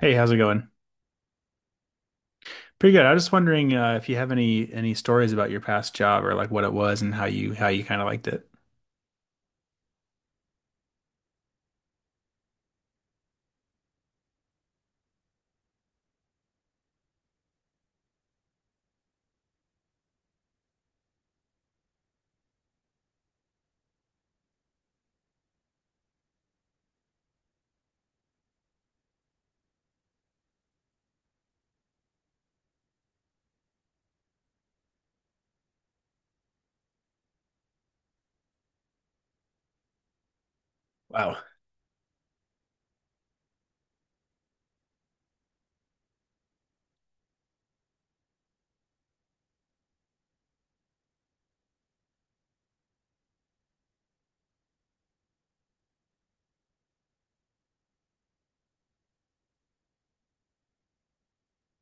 Hey, how's it going? Pretty good. I was just wondering if you have any stories about your past job, or like what it was and how you kind of liked it. Wow.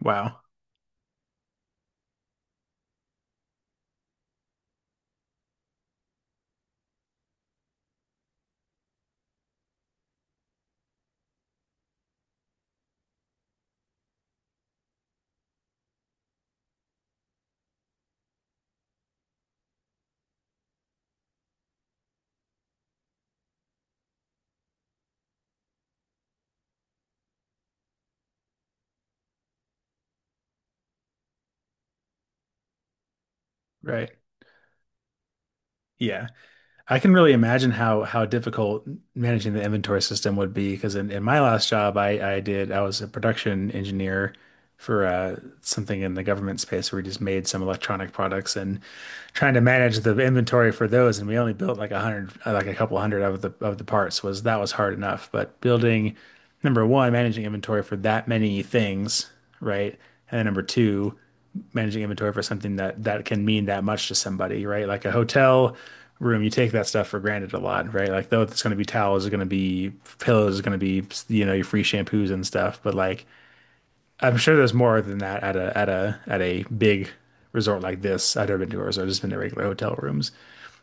Wow. Right. Yeah. I can really imagine how difficult managing the inventory system would be, because in my last job I was a production engineer for something in the government space where we just made some electronic products, and trying to manage the inventory for those. And we only built like a hundred like a couple hundred of the parts. Was that was hard enough, but building, number one, managing inventory for that many things, right? And then number two, managing inventory for something that that can mean that much to somebody, right? Like a hotel room, you take that stuff for granted a lot, right? Like though it's going to be towels, it's going to be pillows, it's going to be, you know, your free shampoos and stuff. But like, I'm sure there's more than that at a big resort like this. I've never been to a resort, I've just been to regular hotel rooms.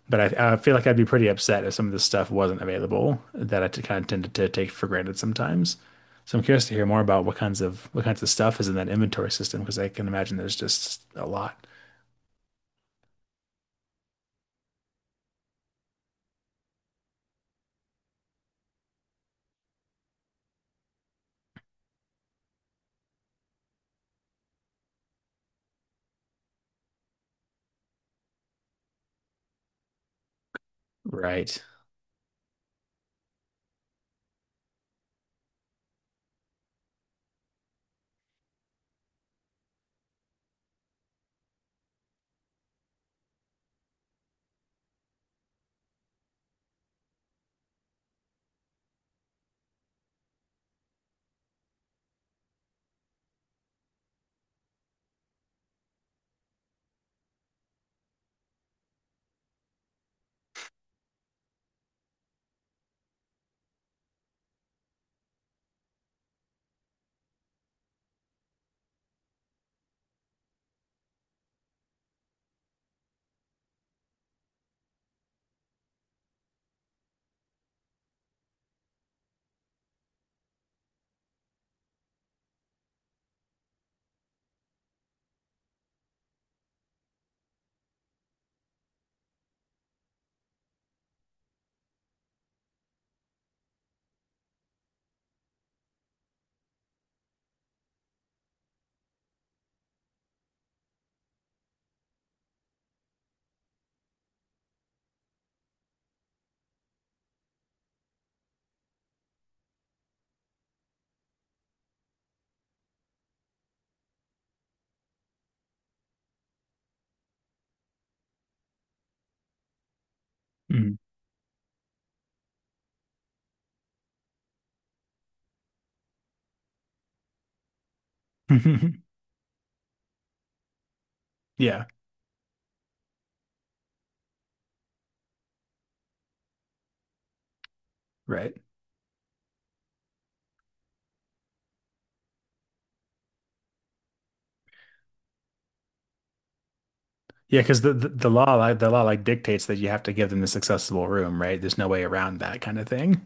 But I feel like I'd be pretty upset if some of this stuff wasn't available that I t kind of tended to take for granted sometimes. So I'm curious to hear more about what kinds of stuff is in that inventory system, because I can imagine there's just a lot. Right. Mm. Yeah, right. Yeah, because the law, like the law, like dictates that you have to give them this accessible room, right? There's no way around that kind of thing.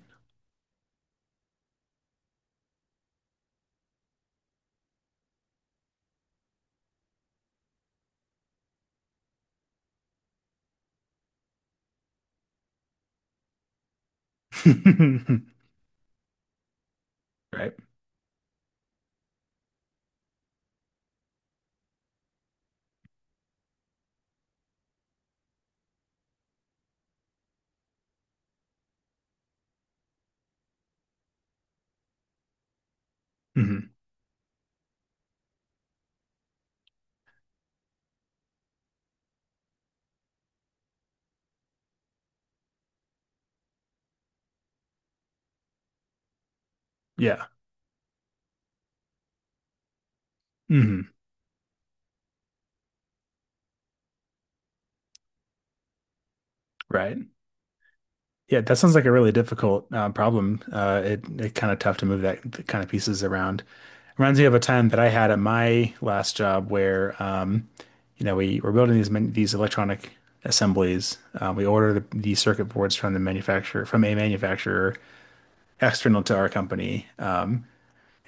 Right. Mhm. Yeah. Hmm. Right. Yeah, that sounds like a really difficult problem. It it kind of tough to move that th- kind of pieces around. Reminds me of a time that I had at my last job where, you know, we were building these these electronic assemblies. We ordered the circuit boards from the manufacturer from a manufacturer external to our company.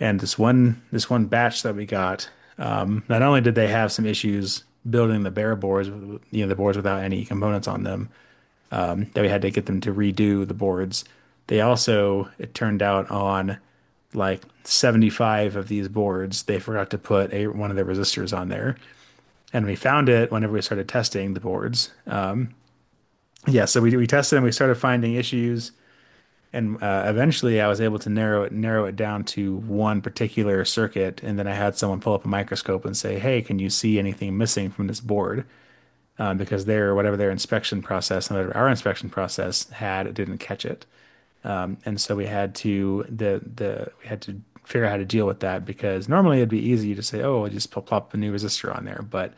And this one batch that we got, not only did they have some issues building the bare boards, you know, the boards without any components on them, that we had to get them to redo the boards. They also, it turned out, on like 75 of these boards, they forgot to put one of the resistors on there. And we found it whenever we started testing the boards. Yeah, so we tested and we started finding issues. And eventually I was able to narrow it down to one particular circuit. And then I had someone pull up a microscope and say, "Hey, can you see anything missing from this board?" Because their, whatever their inspection process and whatever our inspection process had, it didn't catch it. And so we had to the we had to figure out how to deal with that, because normally it'd be easy to say, oh, we'll just plop a new resistor on there. But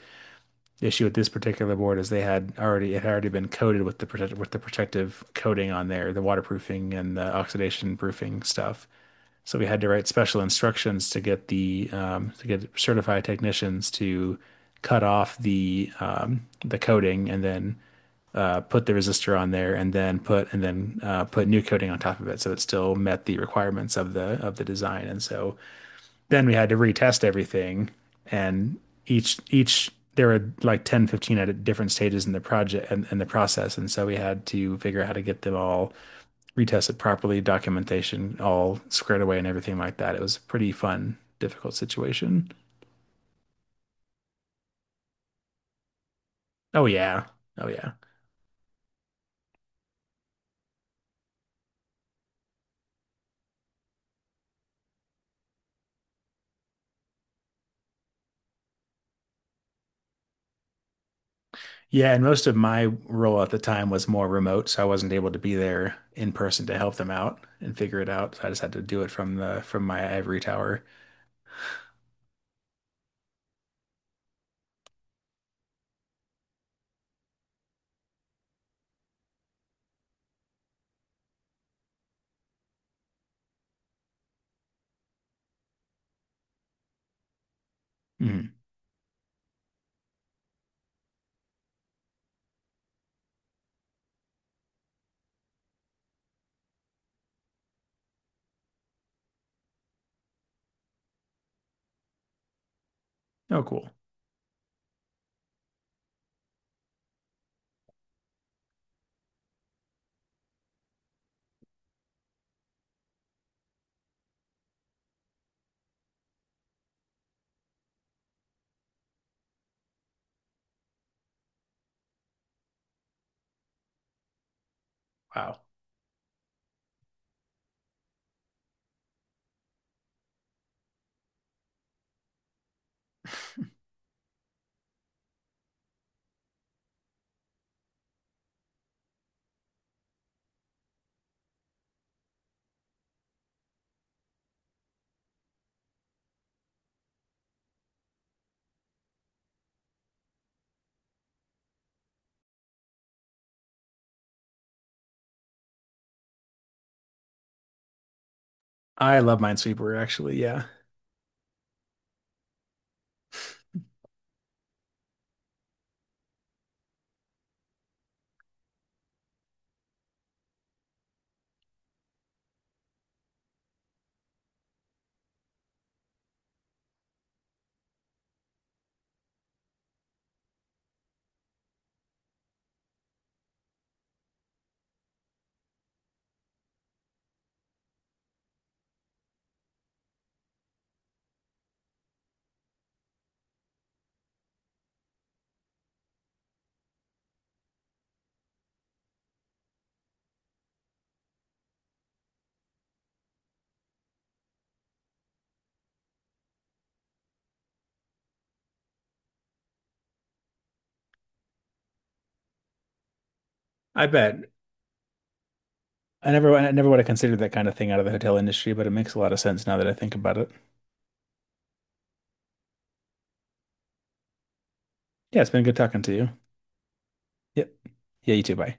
the issue with this particular board is they had already it had already been coated with the protective coating on there, the waterproofing and the oxidation proofing stuff. So we had to write special instructions to get the to get certified technicians to cut off the coating, and then put the resistor on there, and then put new coating on top of it so it still met the requirements of the design. And so then we had to retest everything. And each there were like 10, 15 at different stages in the project and in the process. And so we had to figure out how to get them all retested properly, documentation all squared away and everything like that. It was a pretty fun difficult situation. Oh yeah. Oh yeah. Yeah, and most of my role at the time was more remote, so I wasn't able to be there in person to help them out and figure it out. So I just had to do it from the from my ivory tower. Mhm. Oh, cool. Wow. I love Minesweeper actually. Yeah. I bet. I never would have considered that kind of thing out of the hotel industry, but it makes a lot of sense now that I think about it. Yeah, it's been good talking to you. Yep. Yeah, you too. Bye.